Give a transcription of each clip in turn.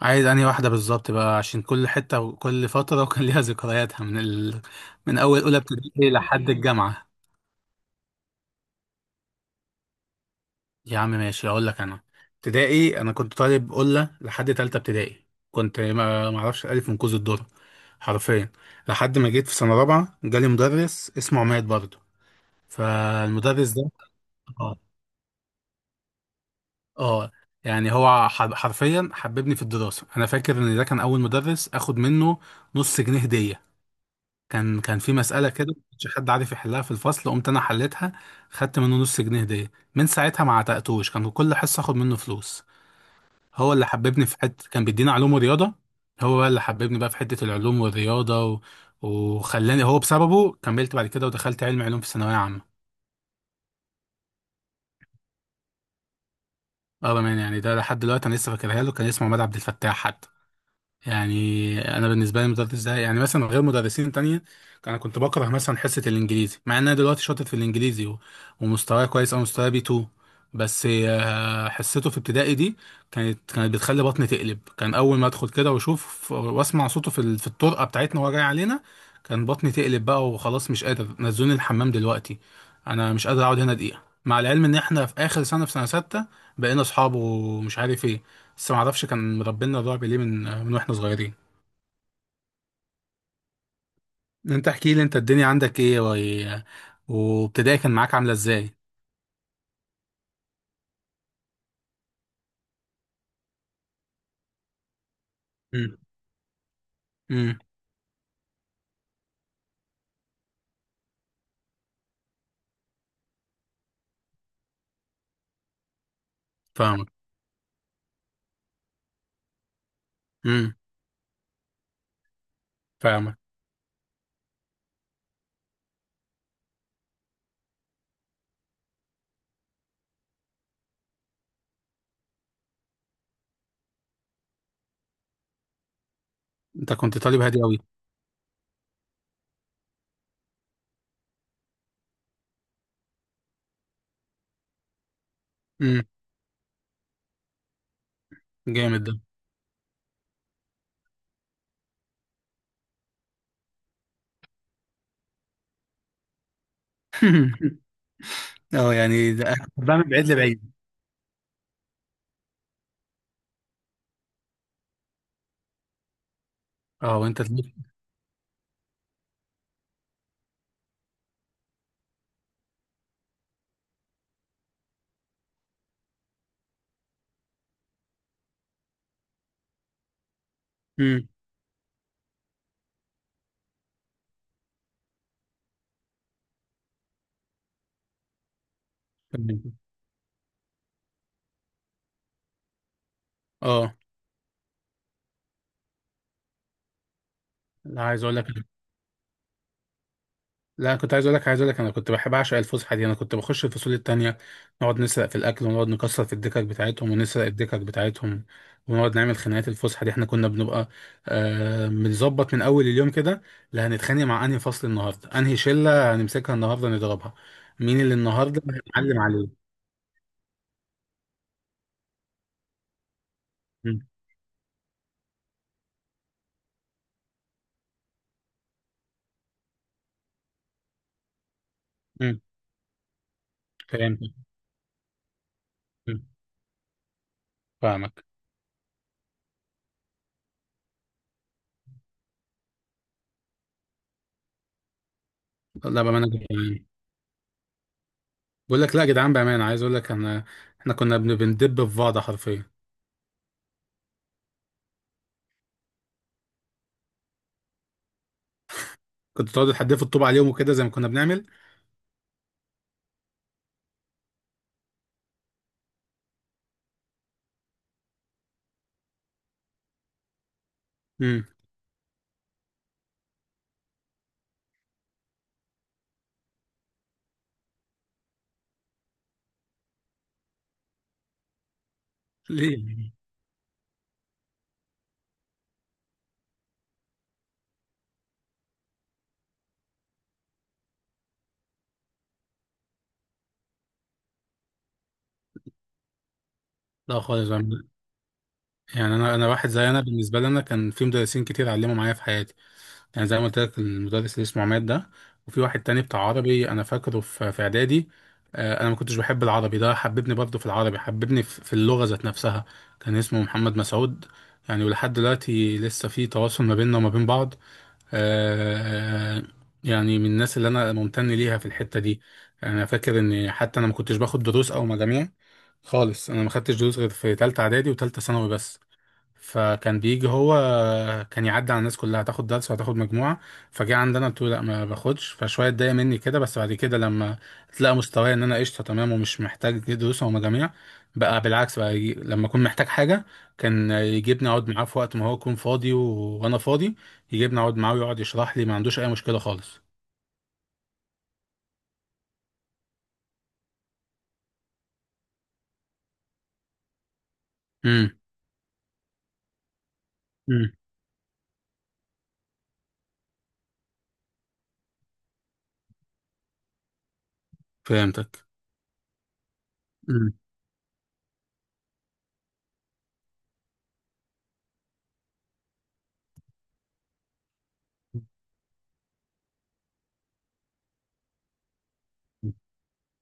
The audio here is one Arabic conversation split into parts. عايز انهي واحدة بالظبط بقى، عشان كل حتة وكل فترة وكان ليها ذكرياتها من أول أولى ابتدائي لحد الجامعة. يا عم ماشي، أقول لك أنا. ابتدائي أنا كنت طالب قلة لحد تالتة ابتدائي، كنت ما أعرفش الألف من كوز الذرة حرفيا. لحد ما جيت في سنة رابعة جالي مدرس اسمه عماد برضه. فالمدرس ده، اه، اه، يعني هو حرفيا حببني في الدراسة. أنا فاكر إن ده كان أول مدرس آخد منه نص جنيه هدية. كان في مسألة كده ما كانش حد عارف يحلها في الفصل، قمت أنا حليتها. خدت منه نص جنيه هدية. من ساعتها ما عتقتوش، كان كل حصة آخد منه فلوس. هو اللي حببني في حتة، كان بيدينا علوم ورياضة. هو بقى اللي حببني بقى في حتة العلوم والرياضة وخلاني، هو بسببه كملت بعد كده ودخلت علم علوم في ثانوية عامة. اه بأمانة يعني، ده لحد دلوقتي أنا لسه فاكرها له. كان اسمه عماد عبد الفتاح حتى، يعني. انا بالنسبه لي المدرس ده يعني مثلا غير مدرسين تانية. انا كنت بكره مثلا حصه الانجليزي، مع ان انا دلوقتي شاطر في الانجليزي ومستواي كويس، او مستواي بي 2. بس حصته في ابتدائي دي كانت بتخلي بطني تقلب. كان اول ما ادخل كده واشوف واسمع صوته في الطرقه بتاعتنا وهو جاي علينا، كان بطني تقلب بقى وخلاص. مش قادر، نزلوني الحمام دلوقتي، انا مش قادر اقعد هنا دقيقه. مع العلم ان احنا في اخر سنه، في سنه سته. بقينا اصحاب ومش عارف ايه. بس ما اعرفش كان مربينا الرعب ليه من واحنا صغيرين. انت احكي لي انت الدنيا عندك ايه وابتدائي كان معاك عامله ازاي؟ امم. امم. فاهمك. امم. فاهمك. انت كنت طالب هادي قوي. امم. جامد ده. اه، يعني ده أنا كنت بعمل بعيد لبعيد. اه، وانت تلف. امم. اه لا، عايز اقول لك. لا، كنت عايز اقول لك انا كنت بحب اعشق الفسحه دي، انا كنت بخش الفصول التانية، نقعد نسرق في الاكل ونقعد نكسر في الدكك بتاعتهم ونسرق الدكك بتاعتهم ونقعد نعمل خناقات. الفسحه دي احنا كنا بنبقى بنظبط من اول اليوم كده: لا هنتخانق مع انهي فصل النهارده، انهي شله هنمسكها النهارده نضربها، مين اللي النهارده هنتعلم عليه. مم. مم. فهمت. مم. فاهمك. لا بامانه جدعان، بقول لك لا يا جدعان، بامانه عايز اقول لك انا، احنا كنا بندب في بعض حرفيا. كنت تقعد تحدفوا الطوب عليهم وكده زي ما كنا بنعمل. ليه يعني؟ لا خالص يعني. يعني انا واحد، زي انا بالنسبه لي، انا كان في مدرسين كتير علموا معايا في حياتي. يعني زي ما قلت لك، المدرس اللي اسمه عماد ده، وفي واحد تاني بتاع عربي انا فاكره في اعدادي. انا ما كنتش بحب العربي. ده حببني برضه في العربي، حببني في اللغه ذات نفسها. كان اسمه محمد مسعود. يعني ولحد دلوقتي لسه في تواصل ما بيننا وما بين بعض. آه، يعني من الناس اللي انا ممتن ليها في الحته دي. يعني انا فاكر ان حتى انا ما كنتش باخد دروس او مجاميع خالص. انا ما خدتش دروس غير في تالتة اعدادي وتالتة ثانوي بس. فكان بيجي هو، كان يعدي على الناس كلها: هتاخد درس وهتاخد مجموعة. فجه عندنا قلت له لا ما باخدش، فشوية اتضايق مني كده. بس بعد كده لما تلاقى مستواي ان انا قشطة تمام ومش محتاج دروس او مجاميع، بقى بالعكس بقى يجي، لما اكون محتاج حاجة كان يجيبني اقعد معاه في وقت ما هو يكون فاضي وانا فاضي. يجيبني اقعد معاه ويقعد يشرح لي، ما عندوش اي مشكلة خالص. امم. امم. فهمتك. امم.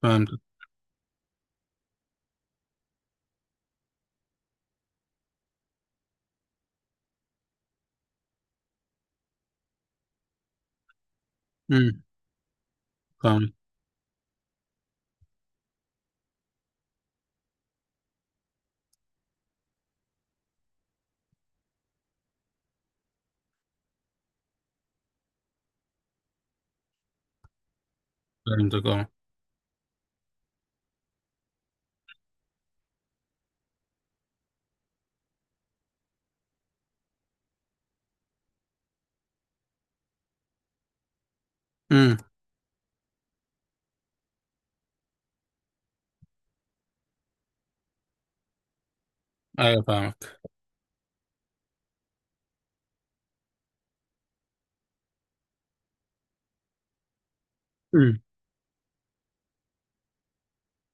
فهمتك. امم. فهمتك. فهمتك اه. مم. ايوه فاهمك. امم.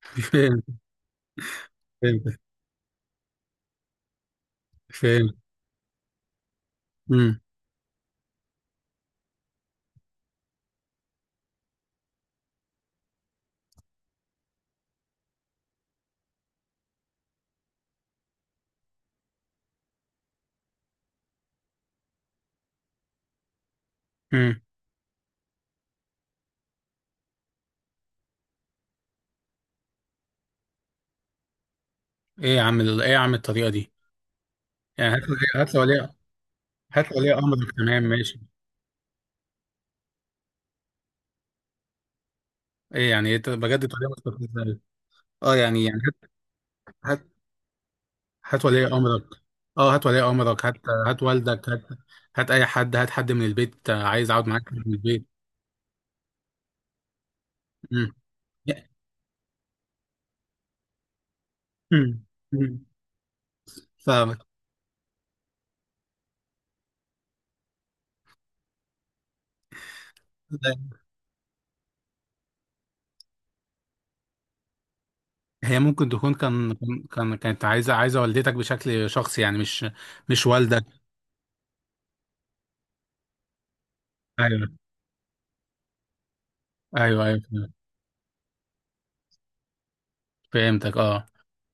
فهمت. فهمت. فهمت. امم. امم. ايه يا عم الطريقه دي؟ يعني هات لي ولي امرك، تمام ماشي. ايه يعني، إيه بجد طريقه مستفزه أوي. اه يعني هات، هات. هات ولي امرك. اه هات ولي امرك، هات. هات والدك، هات. هات اي حد، هات حد من البيت، عايز اقعد معاك من البيت. امم. امم. أمم. فاهمك. هي ممكن تكون كانت عايزه، عايزه والدتك بشكل شخصي يعني، مش والدك. ايوه. ايوه. ايوه فهمتك اه.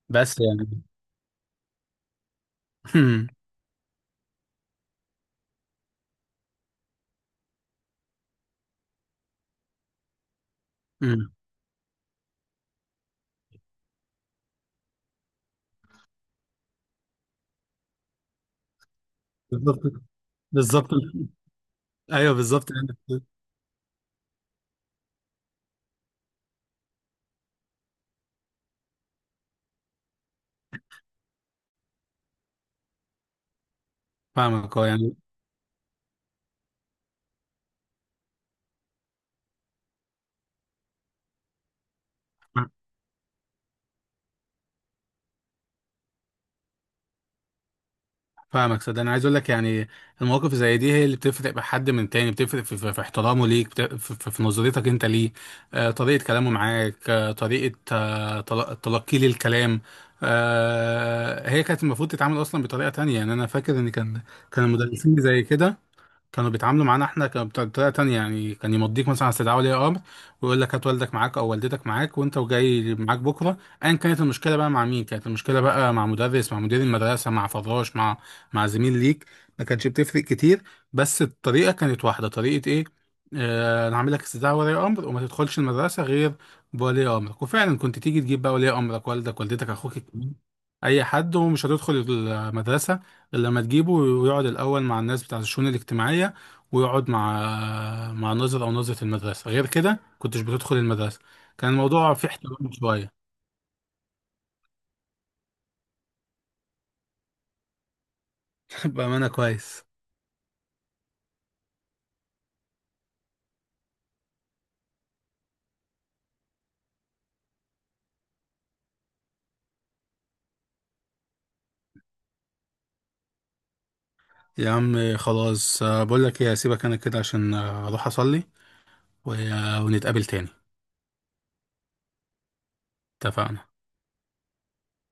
بس يعني. مم. مم. بالظبط. بالظبط. ايوه بالظبط يعني. فاهمك اه يعني. فاهمك، صدق انا عايز اقول لك يعني، المواقف زي دي هي اللي بتفرق بحد من تاني، بتفرق في احترامه ليك، في نظرتك انت ليه. طريقه كلامه معاك، طريقه تلقيه للكلام. هي كانت المفروض تتعامل اصلا بطريقه تانية. يعني انا فاكر ان كان كان المدرسين زي كده كانوا بيتعاملوا معانا احنا كان بطريقه تانية. يعني كان يمضيك مثلا على استدعاء ولي امر، ويقول لك هات والدك معاك او والدتك معاك وانت وجاي معاك بكره. ايا كانت المشكله بقى، مع مين كانت المشكله بقى: مع مدرس، مع مدير المدرسه، مع فراش، مع زميل ليك، ما كانتش بتفرق كتير. بس الطريقه كانت واحده، طريقه ايه: انا هعمل لك استدعاء ولي امر وما تدخلش المدرسه غير بولي امرك. وفعلا كنت تيجي تجيب بقى ولي امرك، والدك، والدتك، اخوك الكبير، اي حد، ومش هتدخل المدرسه لما تجيبه، ويقعد الأول مع الناس بتاعة الشؤون الاجتماعية ويقعد مع ناظر أو ناظرة المدرسة. غير كده كنتش بتدخل المدرسة. كان الموضوع فيه احترام شوية. بأمانة كويس. يا عم خلاص، بقول لك ايه، هسيبك انا كده عشان اروح اصلي ونتقابل تاني. اتفقنا.